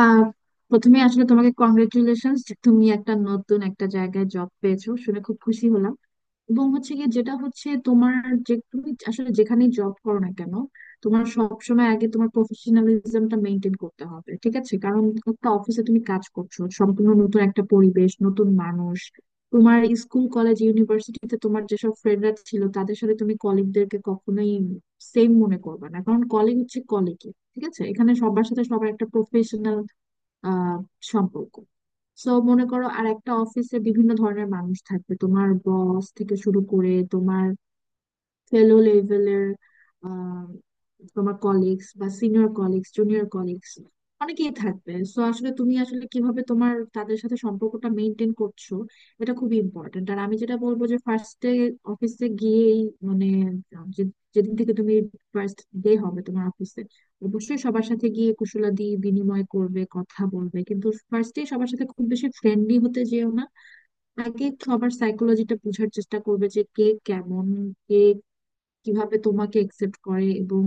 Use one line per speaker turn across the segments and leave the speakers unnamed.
আহ প্রথমে আসলে তোমাকে কংগ্রেচুলেশন। তুমি একটা নতুন একটা জায়গায় জব পেয়েছো শুনে খুব খুশি হলাম। এবং হচ্ছে গিয়ে যেটা হচ্ছে তোমার, যে তুমি আসলে যেখানেই জব করো না কেন, তোমার সবসময় আগে তোমার প্রফেশনালিজমটা মেনটেন করতে হবে, ঠিক আছে? কারণ একটা অফিসে তুমি কাজ করছো, সম্পূর্ণ নতুন একটা পরিবেশ, নতুন মানুষ। তোমার স্কুল কলেজ ইউনিভার্সিটিতে তোমার যেসব ফ্রেন্ডরা ছিল তাদের সাথে তুমি কলিগদেরকে কখনোই সেম মনে করবে না, কারণ কলিগ হচ্ছে কলিগই, ঠিক আছে? এখানে সবার সাথে সবার একটা প্রফেশনাল আহ সম্পর্ক। সো মনে করো আর একটা অফিসে বিভিন্ন ধরনের মানুষ থাকবে, তোমার বস থেকে শুরু করে তোমার ফেলো লেভেলের আহ, তোমার কলিগস বা সিনিয়র কলিগস, জুনিয়র কলিগস, অনেকেই থাকবে। সো আসলে তুমি আসলে কিভাবে তোমার তাদের সাথে সম্পর্কটা মেনটেন করছো, এটা খুবই ইম্পর্টেন্ট। আর আমি যেটা বলবো যে ফার্স্টে অফিসে গিয়েই, মানে যেদিন থেকে তুমি ফার্স্ট ডে হবে তোমার অফিসে, অবশ্যই সবার সাথে গিয়ে কুশলাদি বিনিময় করবে, কথা বলবে, কিন্তু ফার্স্টে সবার সাথে খুব বেশি ফ্রেন্ডলি হতে যেও না। আগে সবার সাইকোলজিটা বোঝার চেষ্টা করবে যে কে কেমন, কিভাবে তোমাকে একসেপ্ট করে, এবং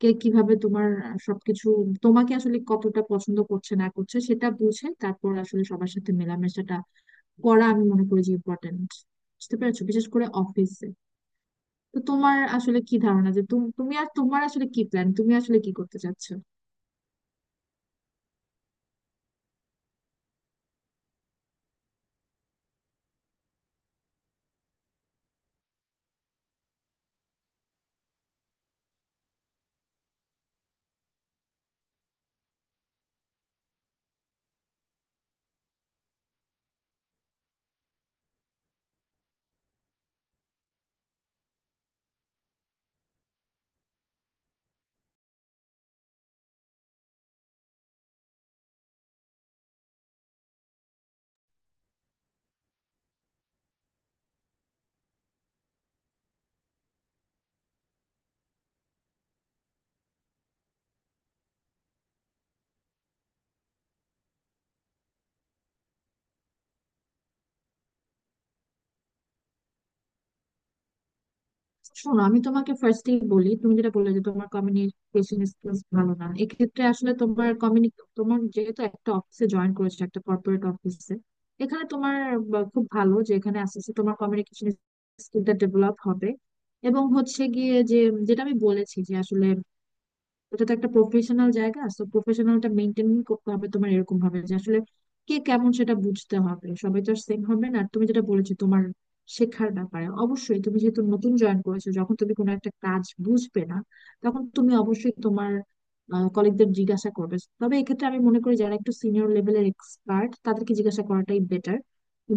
কে কিভাবে তোমার সবকিছু, তোমাকে আসলে কতটা পছন্দ করছে না করছে, সেটা বুঝে তারপর আসলে সবার সাথে মেলামেশাটা করা আমি মনে করি যে ইম্পর্টেন্ট। বুঝতে পেরেছো, বিশেষ করে অফিসে। তো তোমার আসলে কি ধারণা যে তুমি তুমি আর তোমার আসলে কি প্ল্যান, তুমি আসলে কি করতে চাচ্ছ? শোনো, আমি তোমাকে ফার্স্টেই বলি, তুমি যেটা বললে যে তোমার কমিউনিকেশন স্কিলস ভালো না, এক্ষেত্রে আসলে তোমার কমিউনি, তোমার যেহেতু একটা অফিসে জয়েন করেছো, একটা কর্পোরেট অফিসে, এখানে তোমার, বা খুব ভালো যে এখানে আস্তে আস্তে তোমার কমিউনিকেশন স্কিলটা ডেভেলপ হবে। এবং হচ্ছে গিয়ে যে, যেটা আমি বলেছি যে আসলে, এটা তো একটা প্রফেশনাল জায়গা, তো প্রফেশনালটা মেনটেন করতে হবে তোমার, এরকম ভাবে যে আসলে কে কেমন সেটা বুঝতে হবে, সবাই তো আর সেম হবে না। আর তুমি যেটা বলেছো তোমার শেখার ব্যাপারে, অবশ্যই তুমি যেহেতু নতুন জয়েন করেছো, যখন তুমি কোনো একটা কাজ বুঝবে না, তখন তুমি অবশ্যই তোমার কলিগদের জিজ্ঞাসা করবে। তবে এক্ষেত্রে আমি মনে করি যারা একটু সিনিয়র লেভেলের এক্সপার্ট তাদেরকে জিজ্ঞাসা করাটাই বেটার,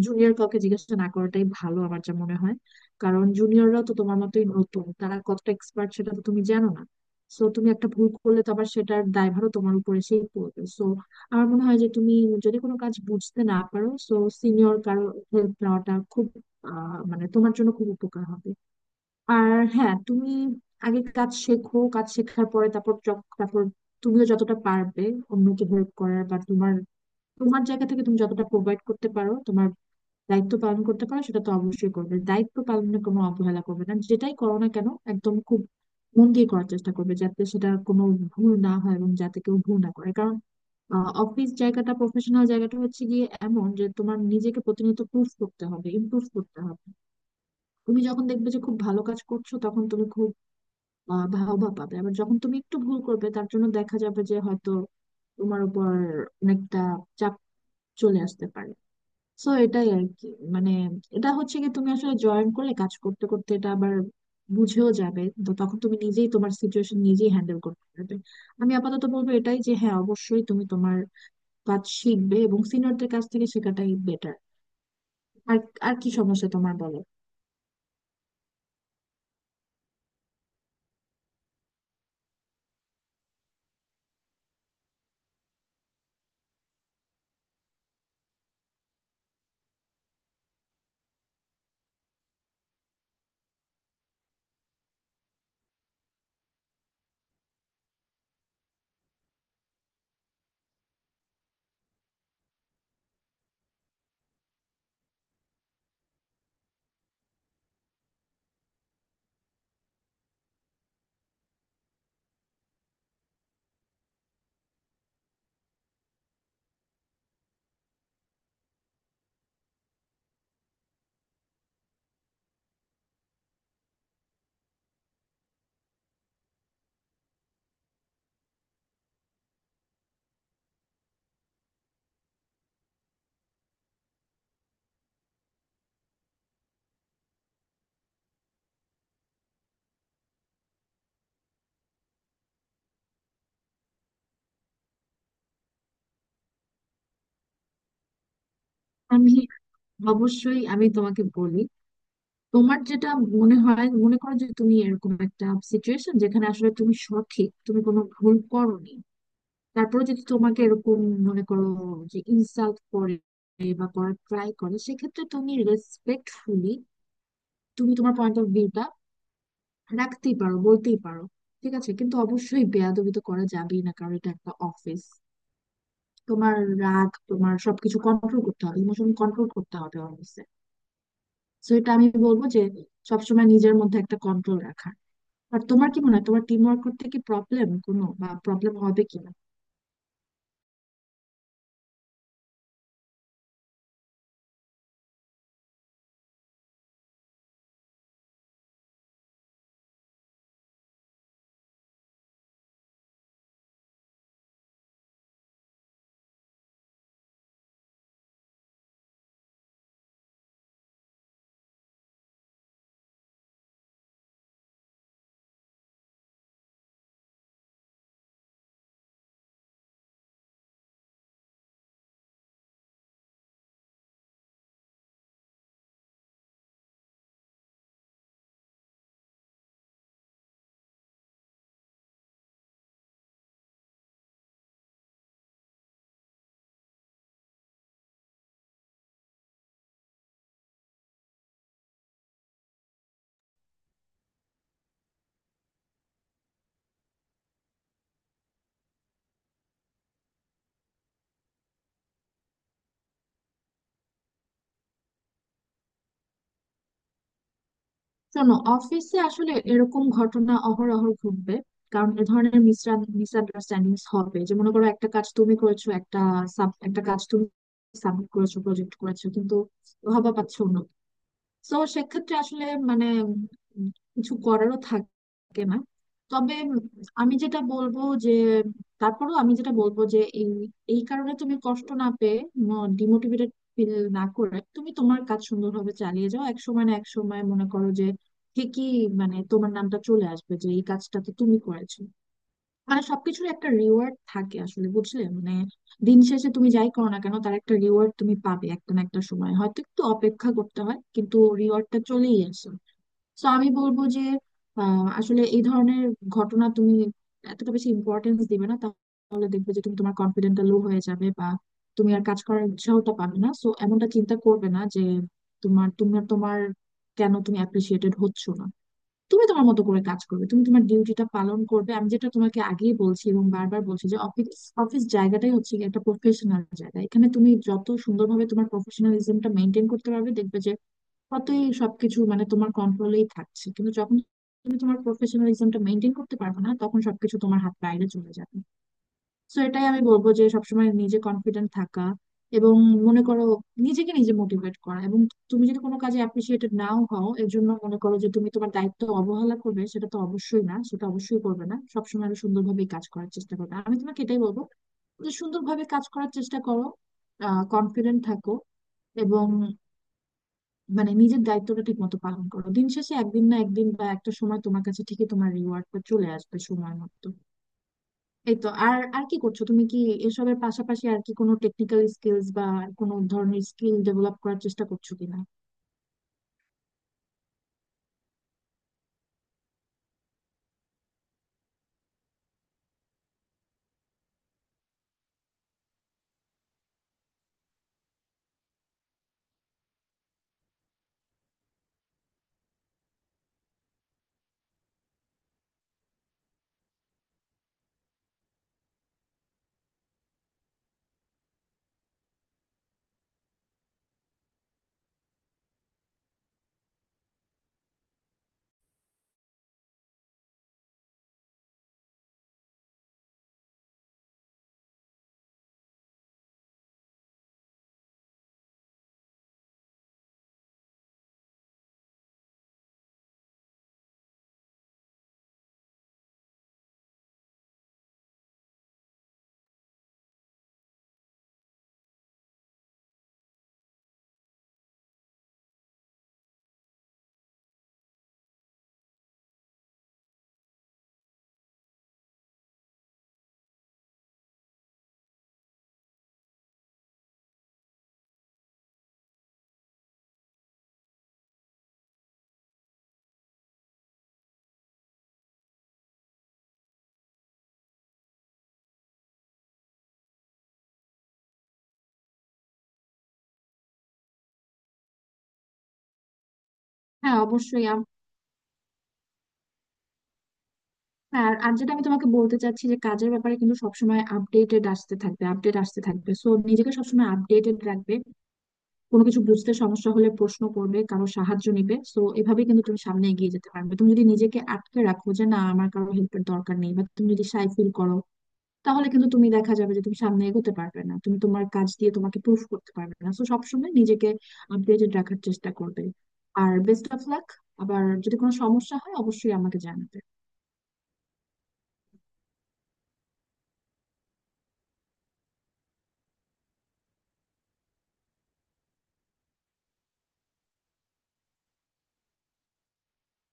জুনিয়র কাউকে জিজ্ঞাসা না করাটাই ভালো আমার যা মনে হয়। কারণ জুনিয়ররা তো তোমার মতোই নতুন, তারা কতটা এক্সপার্ট সেটা তো তুমি জানো না। সো তুমি একটা ভুল করলে তো আবার সেটার দায়ভারও তোমার উপরে সেই পড়বে। সো আমার মনে হয় যে তুমি যদি কোনো কাজ বুঝতে না পারো, সো সিনিয়র কারো হেল্প নেওয়াটা খুব, মানে তোমার জন্য খুব উপকার হবে। আর হ্যাঁ, তুমি আগে কাজ শেখো, কাজ শেখার পরে তারপর, তারপর তুমিও যতটা পারবে অন্যকে হেল্প করার, বা তোমার, তোমার জায়গা থেকে তুমি যতটা প্রোভাইড করতে পারো, তোমার দায়িত্ব পালন করতে পারো, সেটা তো অবশ্যই করবে। দায়িত্ব পালনে কোনো অবহেলা করবে না, যেটাই করো না কেন একদম খুব মন দিয়ে করার চেষ্টা করবে, যাতে সেটা কোনো ভুল না হয় এবং যাতে কেউ ভুল না করে। কারণ অফিস জায়গাটা, প্রফেশনাল জায়গাটা হচ্ছে গিয়ে এমন যে তোমার নিজেকে প্রতিনিয়ত প্রুফ করতে হবে, ইমপ্রুভ করতে হবে। তুমি যখন দেখবে যে খুব ভালো কাজ করছো, তখন তুমি খুব ভাবা পাবে। আবার যখন তুমি একটু ভুল করবে, তার জন্য দেখা যাবে যে হয়তো তোমার উপর অনেকটা চাপ চলে আসতে পারে। সো এটাই আর কি, মানে এটা হচ্ছে কি, তুমি আসলে জয়েন করলে কাজ করতে করতে এটা আবার বুঝেও যাবে, তো তখন তুমি নিজেই তোমার সিচুয়েশন নিজেই হ্যান্ডেল করতে পারবে। আমি আপাতত বলবো এটাই যে হ্যাঁ, অবশ্যই তুমি তোমার কাজ শিখবে এবং সিনিয়রদের কাছ থেকে শেখাটাই বেটার। আর আর কি সমস্যা তোমার, বলো? আমি, অবশ্যই আমি তোমাকে বলি, তোমার যেটা মনে হয়, মনে করো যে তুমি এরকম একটা সিচুয়েশন যেখানে আসলে তুমি সঠিক, তুমি কোনো ভুল করোনি, তারপরে যদি তোমাকে এরকম, মনে করো যে ইনসাল্ট করে বা করার ট্রাই করে, সেক্ষেত্রে তুমি রেসপেক্টফুলি তুমি তোমার পয়েন্ট অফ ভিউটা রাখতেই পারো, বলতেই পারো, ঠিক আছে? কিন্তু অবশ্যই বেয়াদবি তো করা যাবেই না, কারণ এটা একটা অফিস। তোমার রাগ, তোমার সবকিছু কন্ট্রোল করতে হবে, ইমোশন কন্ট্রোল করতে হবে অফিসে। তো এটা আমি বলবো যে সবসময় নিজের মধ্যে একটা কন্ট্রোল রাখা। আর তোমার কি মনে হয়, তোমার টিম ওয়ার্ক করতে কি প্রবলেম কোনো বা প্রবলেম হবে কি? শোনো, অফিসে আসলে এরকম ঘটনা অহরহ ঘটবে। কারণ এ ধরনের মিসআন্ডারস্ট্যান্ডিং হবে যে, মনে করো একটা কাজ তুমি করেছো, একটা একটা কাজ তুমি সাবমিট করেছো, প্রজেক্ট করেছো, কিন্তু হবা পাচ্ছ অন্য। তো সেক্ষেত্রে আসলে, মানে কিছু করারও থাকে না। তবে আমি যেটা বলবো যে, তারপরেও আমি যেটা বলবো যে এই, এই কারণে তুমি কষ্ট না পেয়ে, ডিমোটিভেটেড ফিল না করে তুমি তোমার কাজ সুন্দরভাবে চালিয়ে যাও। এক সময় না এক সময় মনে করো যে ঠিকই, মানে তোমার নামটা চলে আসবে যে এই কাজটা তো তুমি করেছো। মানে সবকিছুর একটা রিওয়ার্ড থাকে আসলে, বুঝলে? মানে দিন শেষে তুমি যাই করো না কেন তার একটা রিওয়ার্ড তুমি পাবে একটা না একটা সময়, হয়তো একটু অপেক্ষা করতে হয়, কিন্তু রিওয়ার্ডটা চলেই আসে। তো আমি বলবো যে, আসলে এই ধরনের ঘটনা তুমি এতটা বেশি ইম্পর্টেন্স দিবে না, তাহলে দেখবে যে তুমি তোমার কনফিডেন্টটা লো হয়ে যাবে, বা তুমি আর কাজ করার উৎসাহটা পাবে না। সো এমনটা চিন্তা করবে না যে তোমার তোমার তোমার কেন তুমি অ্যাপ্রিসিয়েটেড হচ্ছ না। তুমি তোমার মতো করে কাজ করবে, তুমি তোমার ডিউটিটা পালন করবে। আমি যেটা তোমাকে আগেই বলছি এবং বারবার বলছি যে অফিস অফিস জায়গাটাই হচ্ছে গিয়ে একটা প্রফেশনাল জায়গা। এখানে তুমি যত সুন্দরভাবে তোমার প্রফেশনালিজমটা মেনটেন করতে পারবে, দেখবে যে কতই সবকিছু মানে তোমার কন্ট্রোলেই থাকছে, কিন্তু যখন তুমি তোমার প্রফেশনালিজমটা মেনটেন করতে পারবে না, তখন সবকিছু তোমার হাত বাইরে চলে যাবে। সো এটাই আমি বলবো যে সবসময় নিজে কনফিডেন্ট থাকা, এবং মনে করো নিজেকে নিজে মোটিভেট করা। এবং তুমি যদি কোনো কাজে অ্যাপ্রিসিয়েটেড নাও হও, এর জন্য মনে করো যে তুমি তোমার দায়িত্ব অবহেলা করবে, সেটা তো অবশ্যই না, সেটা অবশ্যই করবে না। সবসময় আরো সুন্দরভাবে কাজ করার চেষ্টা করবে। আমি তোমাকে এটাই বলবো যে সুন্দরভাবে কাজ করার চেষ্টা করো, কনফিডেন্ট থাকো, এবং মানে নিজের দায়িত্বটা ঠিক মতো পালন করো। দিন শেষে একদিন না একদিন বা একটা সময় তোমার কাছে ঠিকই তোমার রিওয়ার্ডটা চলে আসবে সময় মতো। এই তো। আর আর কি করছো তুমি, কি এসবের পাশাপাশি আর কি কোনো টেকনিক্যাল স্কিলস বা কোনো ধরনের স্কিল ডেভেলপ করার চেষ্টা করছো কিনা? হ্যাঁ, অবশ্যই আর আর যেটা আমি তোমাকে বলতে চাচ্ছি যে কাজের ব্যাপারে কিন্তু সবসময় আপডেটেড আসতে থাকবে, আপডেট আসতে থাকবে, সো নিজেকে সবসময় আপডেটেড রাখবে। কোনো কিছু বুঝতে সমস্যা হলে প্রশ্ন করবে, কারো সাহায্য নেবে। সো এভাবে কিন্তু তুমি সামনে এগিয়ে যেতে পারবে। তুমি যদি নিজেকে আটকে রাখো যে না আমার কারো হেল্পের দরকার নেই, বা তুমি যদি সাই ফিল করো, তাহলে কিন্তু তুমি, দেখা যাবে যে তুমি সামনে এগোতে পারবে না, তুমি তোমার কাজ দিয়ে তোমাকে প্রুফ করতে পারবে না। তো সবসময় নিজেকে আপডেটেড রাখার চেষ্টা করবে। আর বেস্ট অফ লাক। আবার যদি কোনো সমস্যা হয় অবশ্যই আমাকে জানাবে।